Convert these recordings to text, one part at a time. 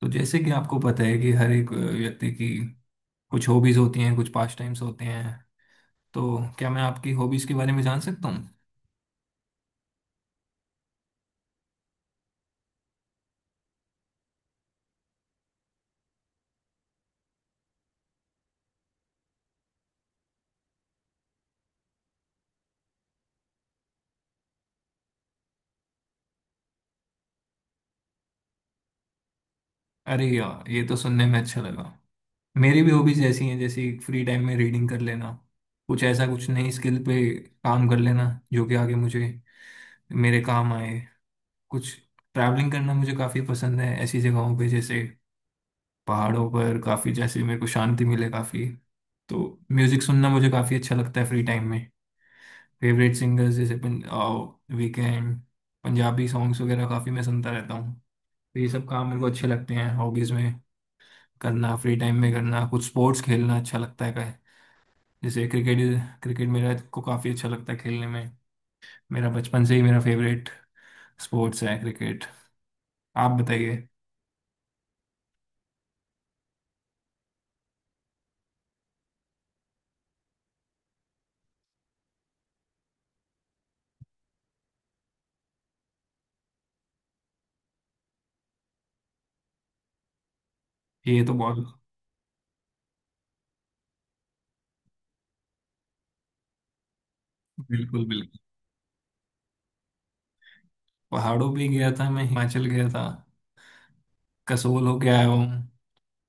तो जैसे कि आपको पता है कि हर एक व्यक्ति की कुछ हॉबीज होती हैं, कुछ पास टाइम्स होते हैं। तो क्या मैं आपकी हॉबीज के बारे में जान सकता हूँ? अरे यार, ये तो सुनने में अच्छा लगा। मेरी भी हॉबीज ऐसी हैं, जैसे फ्री टाइम में रीडिंग कर लेना, कुछ ऐसा कुछ नई स्किल पे काम कर लेना जो कि आगे मुझे मेरे काम आए। कुछ ट्रैवलिंग करना मुझे काफ़ी पसंद है, ऐसी जगहों पे जैसे पहाड़ों पर काफ़ी, जैसे मेरे को शांति मिले काफ़ी। तो म्यूज़िक सुनना मुझे काफ़ी अच्छा लगता है फ्री टाइम में। फेवरेट सिंगर्स जैसे वीकेंड, पंजाबी सॉन्ग्स वगैरह काफ़ी मैं सुनता रहता हूँ। तो ये सब काम मेरे को अच्छे लगते हैं हॉबीज़ में करना। फ्री टाइम में करना कुछ स्पोर्ट्स खेलना अच्छा लगता है का, जैसे क्रिकेट। क्रिकेट मेरा को काफ़ी अच्छा लगता है खेलने में। मेरा बचपन से ही मेरा फेवरेट स्पोर्ट्स है क्रिकेट। आप बताइए। ये तो बहुत बिल्कुल बिल्कुल पहाड़ों भी गया था, मैं हिमाचल गया था, कसोल होके आया हूँ।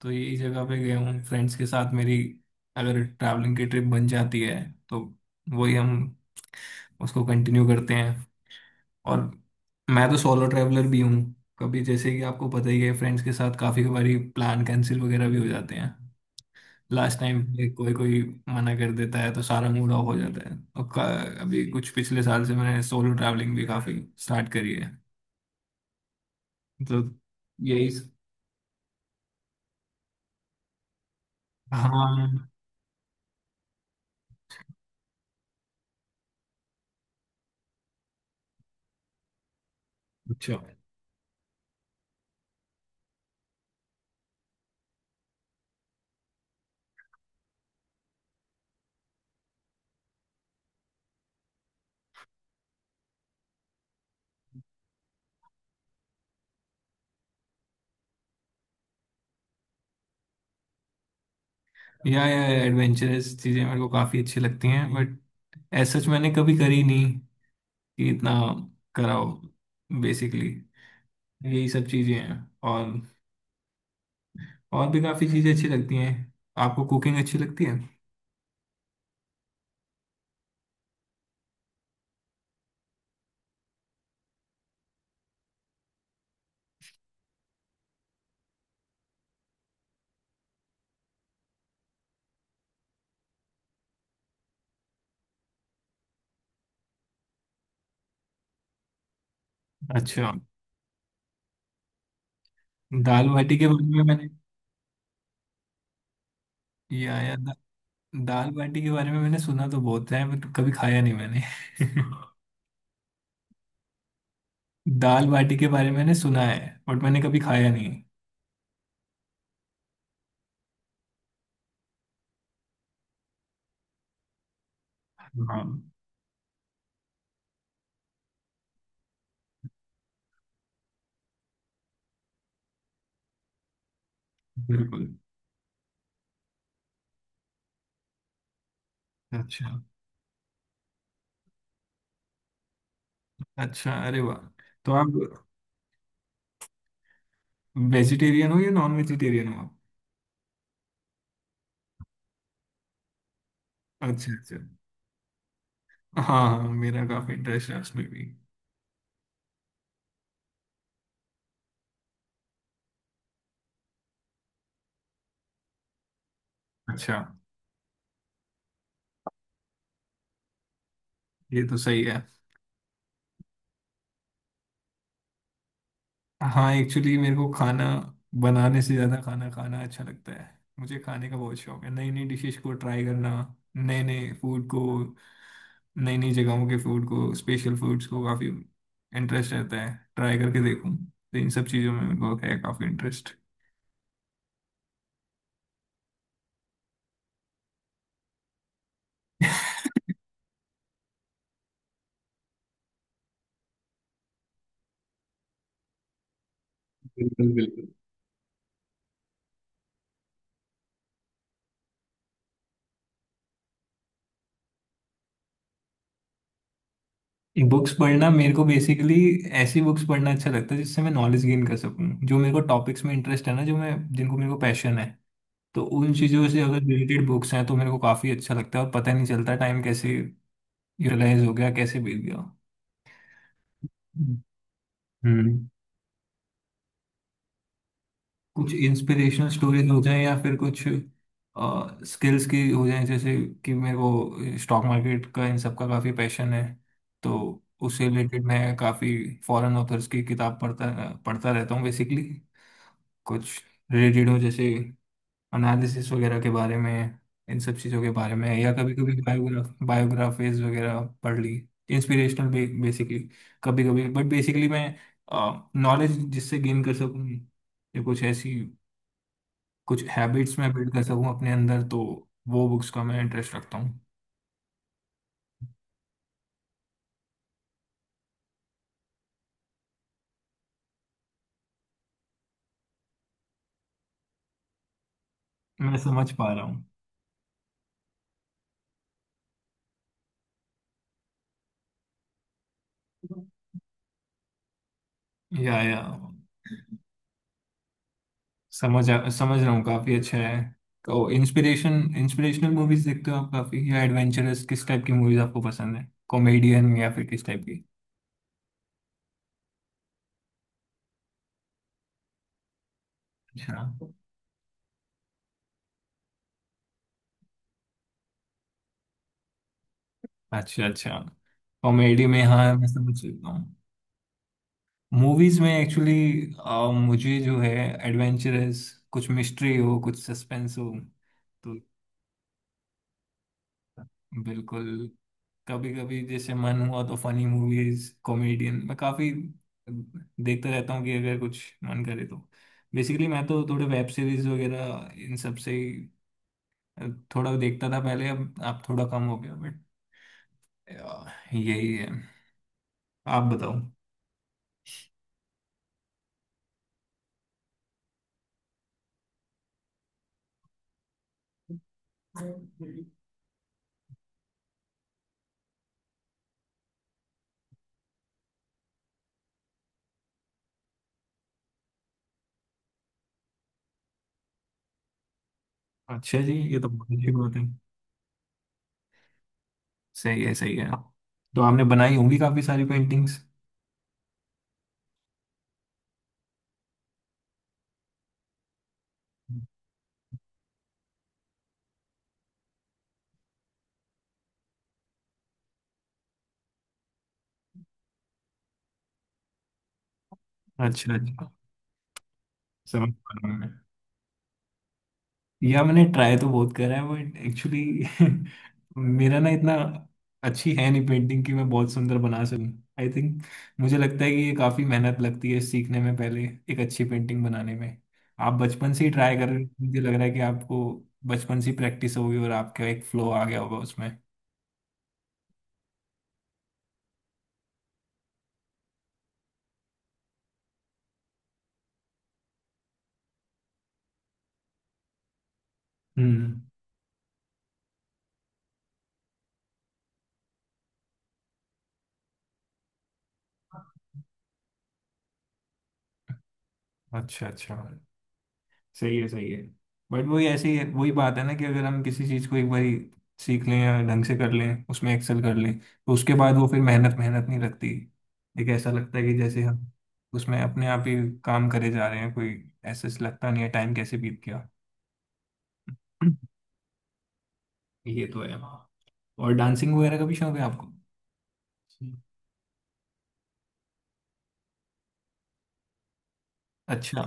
तो यही जगह पे गया हूँ फ्रेंड्स के साथ मेरी। अगर ट्रैवलिंग की ट्रिप बन जाती है तो वही हम उसको कंटिन्यू करते हैं। और मैं तो सोलो ट्रैवलर भी हूँ। कभी, जैसे कि आपको पता ही है, फ्रेंड्स के साथ काफ़ी बारी प्लान कैंसिल वगैरह भी हो जाते हैं। लास्ट टाइम पे कोई कोई मना कर देता है, तो सारा मूड ऑफ हो जाता है। और अभी कुछ पिछले साल से मैंने सोलो ट्रैवलिंग भी काफ़ी स्टार्ट करी है। तो यही हाँ। अच्छा। या एडवेंचरस चीज़ें मेरे को काफ़ी अच्छी लगती हैं, बट ऐसा सच मैंने कभी करी नहीं कि इतना कराओ। बेसिकली यही सब चीजें हैं। और और भी काफी चीजें अच्छी लगती हैं। आपको कुकिंग अच्छी लगती है? अच्छा। दाल बाटी के बारे में मैंने ये आया दा, दाल बाटी के बारे में मैंने सुना तो बहुत है, बट कभी खाया नहीं मैंने। दाल बाटी के बारे में मैंने सुना है, बट मैंने कभी खाया नहीं। हाँ। बिल्कुल। अच्छा अच्छा। अरे वाह। तो आप वेजिटेरियन हो या नॉन वेजिटेरियन हो आप? अच्छा अच्छा। हाँ हाँ, मेरा काफी इंटरेस्ट है उसमें भी। अच्छा। ये तो सही है। हाँ, एक्चुअली मेरे को खाना बनाने से ज्यादा खाना खाना अच्छा लगता है। मुझे खाने का बहुत शौक है। नई नई डिशेस को ट्राई करना, नए नए फूड को, नई नई जगहों के फूड को, स्पेशल फूड्स को काफी इंटरेस्ट रहता है ट्राई करके देखूं। तो इन सब चीजों में मेरे को है काफी इंटरेस्ट। बिल्कुल बिल्कुल। बुक्स पढ़ना मेरे को बेसिकली ऐसी बुक्स पढ़ना अच्छा लगता है जिससे मैं नॉलेज गेन कर सकूं, जो मेरे को टॉपिक्स में इंटरेस्ट है ना, जो मैं जिनको मेरे को पैशन है। तो उन चीज़ों से अगर रिलेटेड बुक्स हैं तो मेरे को काफ़ी अच्छा लगता है, और पता नहीं चलता टाइम कैसे यूटिलाइज हो गया, कैसे बीत गया। हम्म। कुछ इंस्पिरेशनल स्टोरीज हो जाए, या फिर कुछ स्किल्स की हो जाए। जैसे कि मेरे को स्टॉक मार्केट का इन सब का काफ़ी पैशन है, तो उससे रिलेटेड मैं काफ़ी फॉरेन ऑथर्स की किताब पढ़ता पढ़ता रहता हूँ बेसिकली। कुछ रिलेटेड हो, जैसे एनालिसिस वगैरह के बारे में, इन सब चीज़ों के बारे में। या कभी कभी बायोग्राफीज वगैरह पढ़ ली, इंस्पिरेशनल बेसिकली, कभी कभी। बट बेसिकली मैं नॉलेज जिससे गेन कर सकूँ, या कुछ ऐसी कुछ हैबिट्स मैं बिल्ड कर सकूँ अपने अंदर, तो वो बुक्स का मैं इंटरेस्ट रखता हूँ। मैं समझ पा रहा हूँ। या समझ रहा हूँ, काफ़ी अच्छा है। तो इंस्पिरेशनल मूवीज देखते हो आप काफ़ी, या एडवेंचरस किस टाइप की मूवीज आपको पसंद है, कॉमेडियन या फिर किस टाइप की? हाँ। अच्छा अच्छा। कॉमेडी में हाँ, मैं समझ सकता हूँ। मूवीज में एक्चुअली मुझे जो है एडवेंचरस, कुछ मिस्ट्री हो, कुछ सस्पेंस हो, तो बिल्कुल। कभी कभी जैसे मन हुआ तो फनी मूवीज, कॉमेडियन मैं काफी देखता रहता हूँ, कि अगर कुछ मन करे तो। बेसिकली मैं तो थोड़े वेब सीरीज वगैरह इन सब से ही थोड़ा देखता था पहले, अब आप थोड़ा कम हो गया, बट यही है। आप बताओ। अच्छा जी, ये तो बहुत अच्छी बात है। सही है सही है। तो आपने बनाई होंगी काफी सारी पेंटिंग्स। अच्छा अच्छा। समझ पा रहा हूँ। या मैंने ट्राई तो बहुत करा है, बट एक्चुअली मेरा ना इतना अच्छी है नहीं पेंटिंग कि मैं बहुत सुंदर बना सकूं। आई थिंक, मुझे लगता है कि ये काफी मेहनत लगती है सीखने में पहले, एक अच्छी पेंटिंग बनाने में। आप बचपन से ही ट्राई कर रहे हो, मुझे लग रहा है कि आपको बचपन से प्रैक्टिस होगी और आपका एक फ्लो आ गया होगा उसमें। हम्म। अच्छा अच्छा। सही है सही है। बट वही ऐसे ही है, वही बात है ना कि अगर हम किसी चीज़ को एक बार सीख लें या ढंग से कर लें, उसमें एक्सेल कर लें, तो उसके बाद वो फिर मेहनत मेहनत नहीं लगती। एक ऐसा लगता है कि जैसे हम उसमें अपने आप ही काम करे जा रहे हैं, कोई ऐसे से लगता नहीं है, टाइम कैसे बीत गया। ये तो है। और डांसिंग वगैरह का भी शौक है आपको? अच्छा।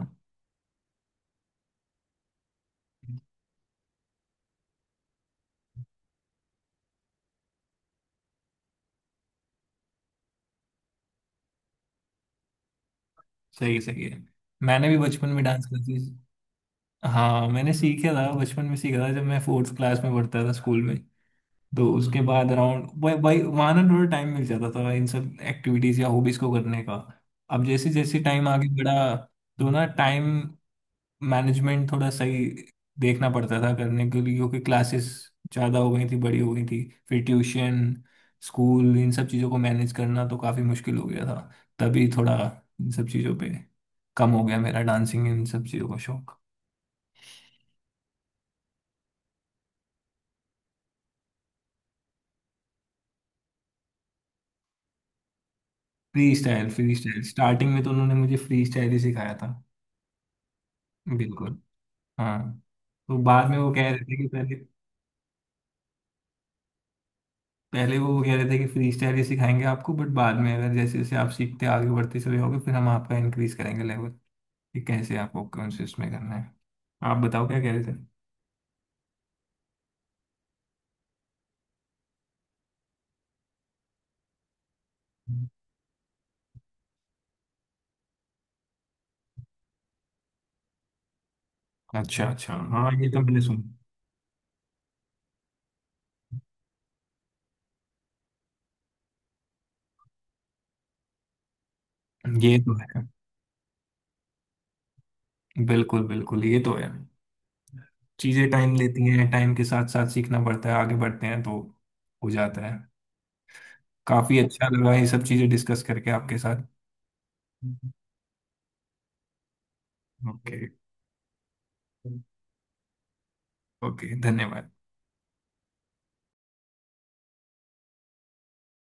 सही है सही है। मैंने भी बचपन में डांस करती। हाँ, मैंने सीखा था, बचपन में सीखा था, जब मैं फोर्थ क्लास में पढ़ता था स्कूल में। तो उसके बाद अराउंड भाई भाई वहाँ ना थोड़ा टाइम मिल जाता था इन सब एक्टिविटीज या हॉबीज को करने का। अब जैसे जैसे टाइम आगे बढ़ा, तो ना टाइम मैनेजमेंट थोड़ा सही देखना पड़ता था करने के लिए, क्योंकि क्लासेस ज़्यादा हो गई थी, बड़ी हो गई थी। फिर ट्यूशन, स्कूल, इन सब चीज़ों को मैनेज करना तो काफ़ी मुश्किल हो गया था। तभी थोड़ा इन सब चीज़ों पे कम हो गया मेरा डांसिंग इन सब चीज़ों का शौक। फ्री स्टाइल स्टार्टिंग में तो उन्होंने मुझे फ्री स्टाइल ही सिखाया था। बिल्कुल। हाँ। तो बाद में वो कह रहे थे कि पहले, पहले वो कह रहे थे कि फ्री स्टाइल ही सिखाएंगे आपको, बट बाद में अगर जैसे जैसे आप सीखते आगे बढ़ते चले जाओगे, फिर हम आपका इंक्रीज करेंगे लेवल, कि कैसे आपको कौन से उसमें करना है। आप बताओ क्या कह रहे थे। अच्छा अच्छा, हाँ ये तो मैंने सुना। ये तो है, बिल्कुल बिल्कुल, ये तो है। चीज़ें टाइम लेती हैं, टाइम के साथ साथ सीखना पड़ता है, आगे बढ़ते हैं तो हो जाता है। काफ़ी अच्छा लगा ये सब चीज़ें डिस्कस करके आपके साथ। ओके। ओके, धन्यवाद।